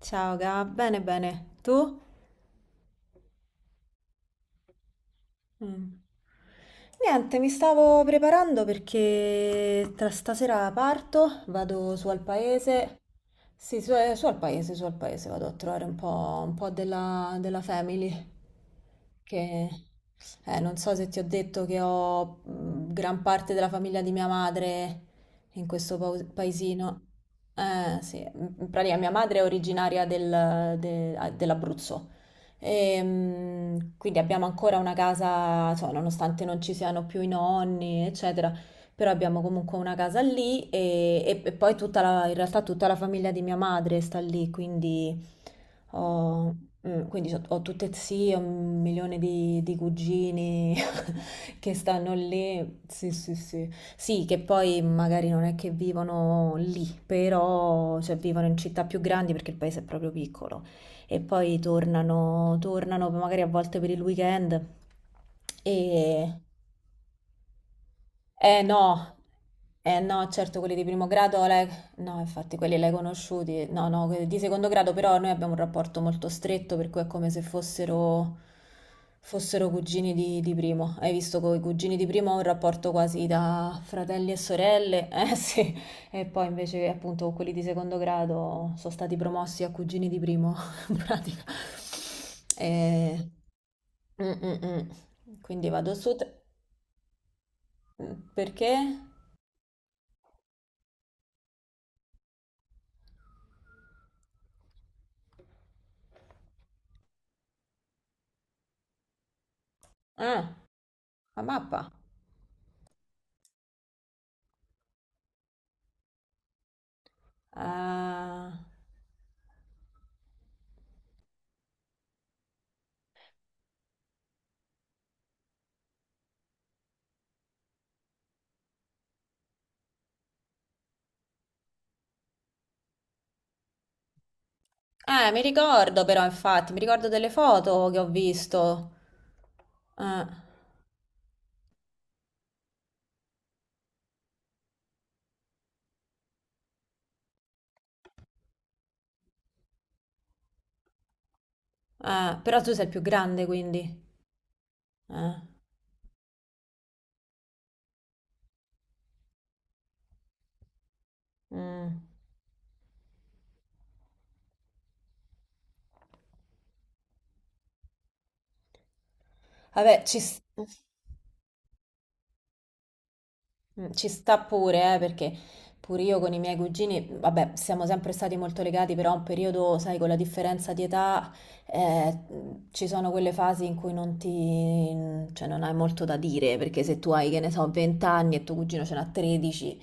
Ciao Gab, bene bene, tu? Mm. Niente, mi stavo preparando perché tra stasera parto, vado su al paese, sì, su, su al paese, vado a trovare un po' della family, che non so se ti ho detto che ho gran parte della famiglia di mia madre in questo paesino. Sì, in pratica mia madre è originaria dell'Abruzzo. Quindi abbiamo ancora una casa, insomma, nonostante non ci siano più i nonni, eccetera, però abbiamo comunque una casa lì e poi in realtà tutta la famiglia di mia madre sta lì, quindi ho, mm, quindi ho, ho tutte zie, un milione di cugini che stanno lì. Sì, sì, sì. Sì, che poi magari non è che vivono lì, però cioè, vivono in città più grandi perché il paese è proprio piccolo e poi tornano magari a volte per il weekend e eh no, eh no, certo quelli di primo grado, no, infatti quelli l'hai conosciuti, no, no, quelli di secondo grado però noi abbiamo un rapporto molto stretto per cui è come se fossero cugini di primo. Hai visto con i cugini di primo ho un rapporto quasi da fratelli e sorelle, eh sì, e poi invece appunto con quelli di secondo grado sono stati promossi a cugini di primo, in pratica. Eh, mm, mm, mm. Quindi vado su, perché? Ah. La mappa? Ah. Mi ricordo però, infatti, mi ricordo delle foto che ho visto. Eh, Però tu sei il più grande, quindi. Eh, mm. Vabbè, ci. Mm, ci sta pure, perché pure io con i miei cugini, vabbè, siamo sempre stati molto legati, però un periodo, sai, con la differenza di età, eh, ci sono quelle fasi in cui non ti, cioè non hai molto da dire, perché se tu hai, che ne so, 20 anni e tuo cugino ce n'ha 13,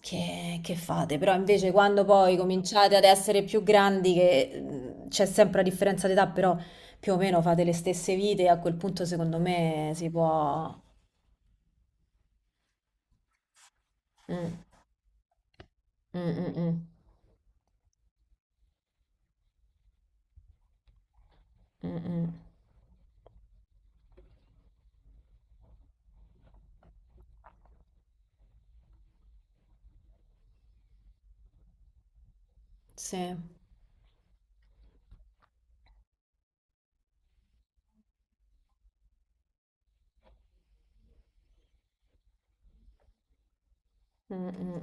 che fate? Però invece quando poi cominciate ad essere più grandi, che c'è sempre la differenza di età, però più o meno fate le stesse vite, a quel punto secondo me si può. Mm, mm, mm, mm. Mh-mh. Sì. Mh-mh.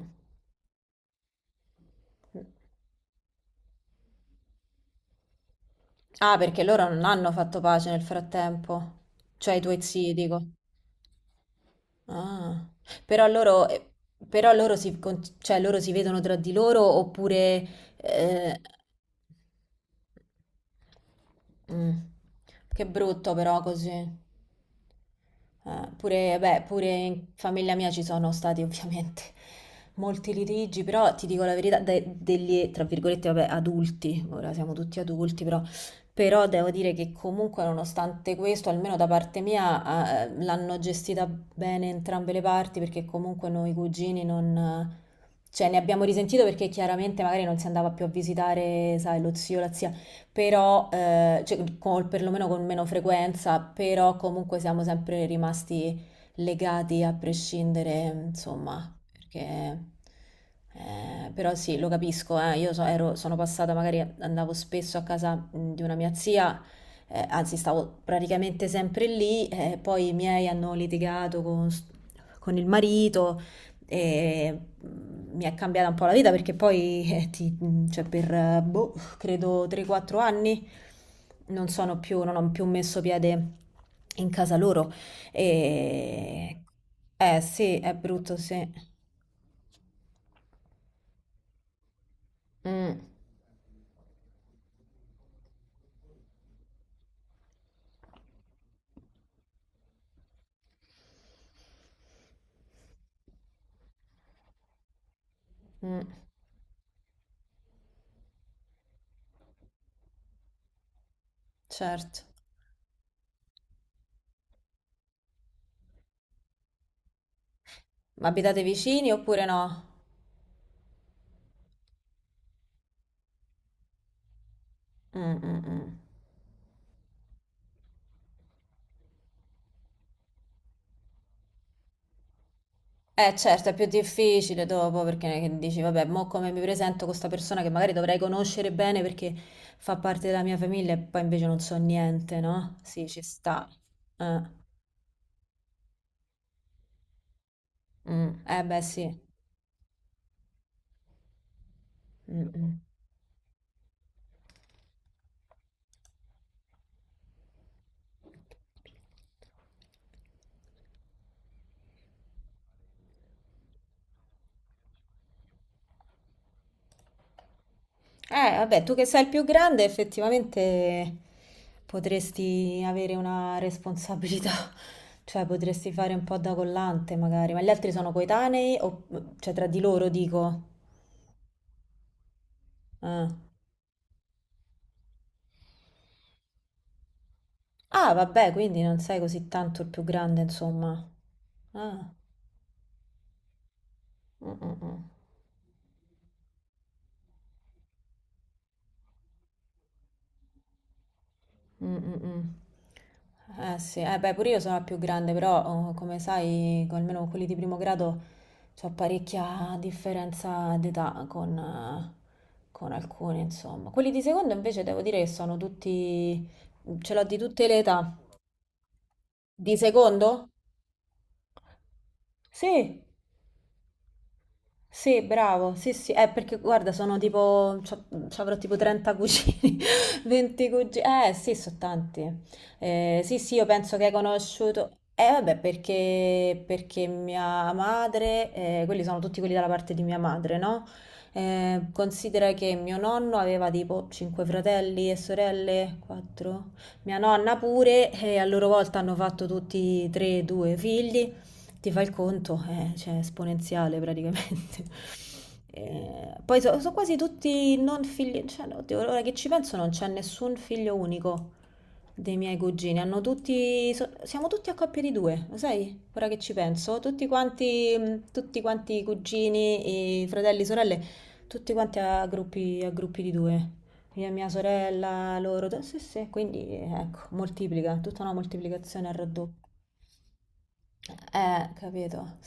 Ah, perché loro non hanno fatto pace nel frattempo? Cioè i tuoi zii, dico. Ah. Però loro, eh, però loro si, cioè, loro si vedono tra di loro oppure. Mm. Che brutto però così. Pure, beh, pure in famiglia mia ci sono stati ovviamente molti litigi, però ti dico la verità, degli, tra virgolette, vabbè, adulti, ora siamo tutti adulti, però, devo dire che comunque nonostante questo, almeno da parte mia, l'hanno gestita bene entrambe le parti, perché comunque noi cugini non. Cioè, ne abbiamo risentito perché chiaramente magari non si andava più a visitare, sai, lo zio, la zia però, cioè, perlomeno con meno frequenza, però comunque siamo sempre rimasti legati a prescindere, insomma, perché. Però sì, lo capisco, io sono passata, magari andavo spesso a casa di una mia zia, anzi stavo praticamente sempre lì, poi i miei hanno litigato con il marito e mi è cambiata un po' la vita perché poi cioè per boh, credo 3-4 anni, non sono più, non ho più messo piede in casa loro. E. Eh sì, è brutto, sì. Mm, mm, certo. Ma abitate vicini oppure no? Mm, mm, mm. Eh certo, è più difficile dopo perché che dici, vabbè, mo come mi presento con questa persona che magari dovrei conoscere bene perché fa parte della mia famiglia e poi invece non so niente, no? Sì, ci sta. Eh, mm. Beh, sì. Mm, mm. Vabbè, tu che sei il più grande, effettivamente potresti avere una responsabilità, cioè potresti fare un po' da collante magari, ma gli altri sono coetanei o cioè tra di loro dico. Ah, ah, vabbè, quindi non sei così tanto il più grande, insomma. Ah. Mm, mm, mm. Mm, mm, mm. Eh sì, beh, pure io sono la più grande, però oh, come sai, almeno con quelli di primo grado c'ho parecchia differenza d'età con alcuni, insomma. Quelli di secondo invece devo dire che sono tutti, ce l'ho di tutte le età. Di secondo? Sì. Sì, bravo, sì, sì, perché guarda, sono tipo, c'avrò tipo 30 cugini, 20 cugini, eh sì, sono tanti. Sì, sì, io penso che hai conosciuto, eh vabbè, perché mia madre, quelli sono tutti quelli dalla parte di mia madre, no? Considera che mio nonno aveva tipo 5 fratelli e sorelle, 4, mia nonna pure, e a loro volta hanno fatto tutti 3, 2 figli ti fai il conto, cioè, esponenziale praticamente. Poi sono quasi tutti non figli, cioè, oddio, ora che ci penso non c'è nessun figlio unico dei miei cugini, hanno tutti, siamo tutti a coppie di due, lo sai? Ora che ci penso, tutti quanti i cugini, i fratelli, sorelle, tutti quanti a gruppi di due. Mia sorella, loro, sì, sì, quindi ecco, moltiplica, tutta una moltiplicazione al raddoppio. Capito.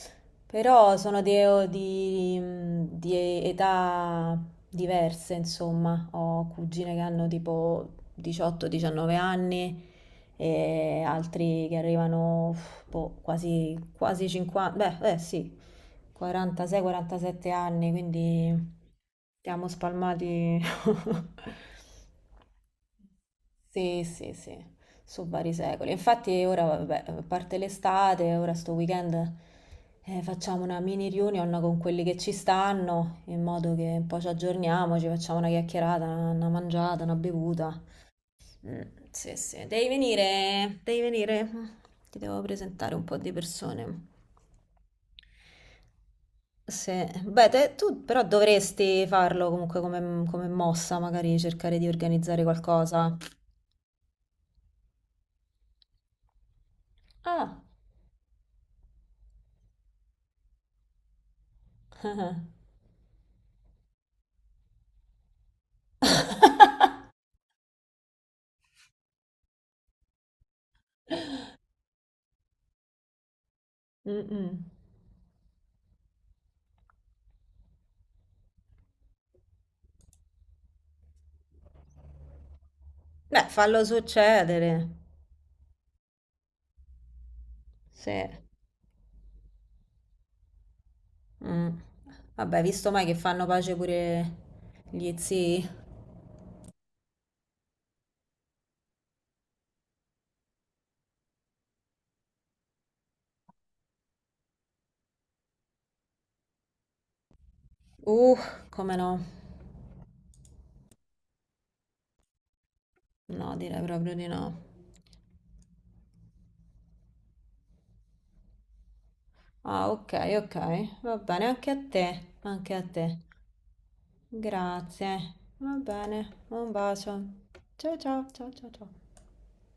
Però sono di età diverse, insomma. Ho cugine che hanno tipo 18-19 anni e altri che arrivano uff, boh, quasi, quasi 50, beh, eh sì, 46-47 anni, quindi siamo spalmati. Sì, sì, sì, su vari secoli. Infatti ora, vabbè, a parte l'estate, ora sto weekend facciamo una mini reunion con quelli che ci stanno, in modo che un po' ci aggiorniamo, ci facciamo una chiacchierata, una mangiata, una bevuta. Mm, sì, sì, devi venire, devi venire. Ti devo presentare un po' di persone. Sì, beh, tu però dovresti farlo comunque come mossa, magari cercare di organizzare qualcosa. Ah. Mh-mh. Beh, fallo succedere. Sì. Mh. Vabbè, visto mai che fanno pace pure gli zii? Uh, come no? No, direi proprio di no. Ah, ok, ok. Va bene, anche a te, anche a te. Grazie. Va bene, un bacio. Ciao ciao, ciao ciao ciao.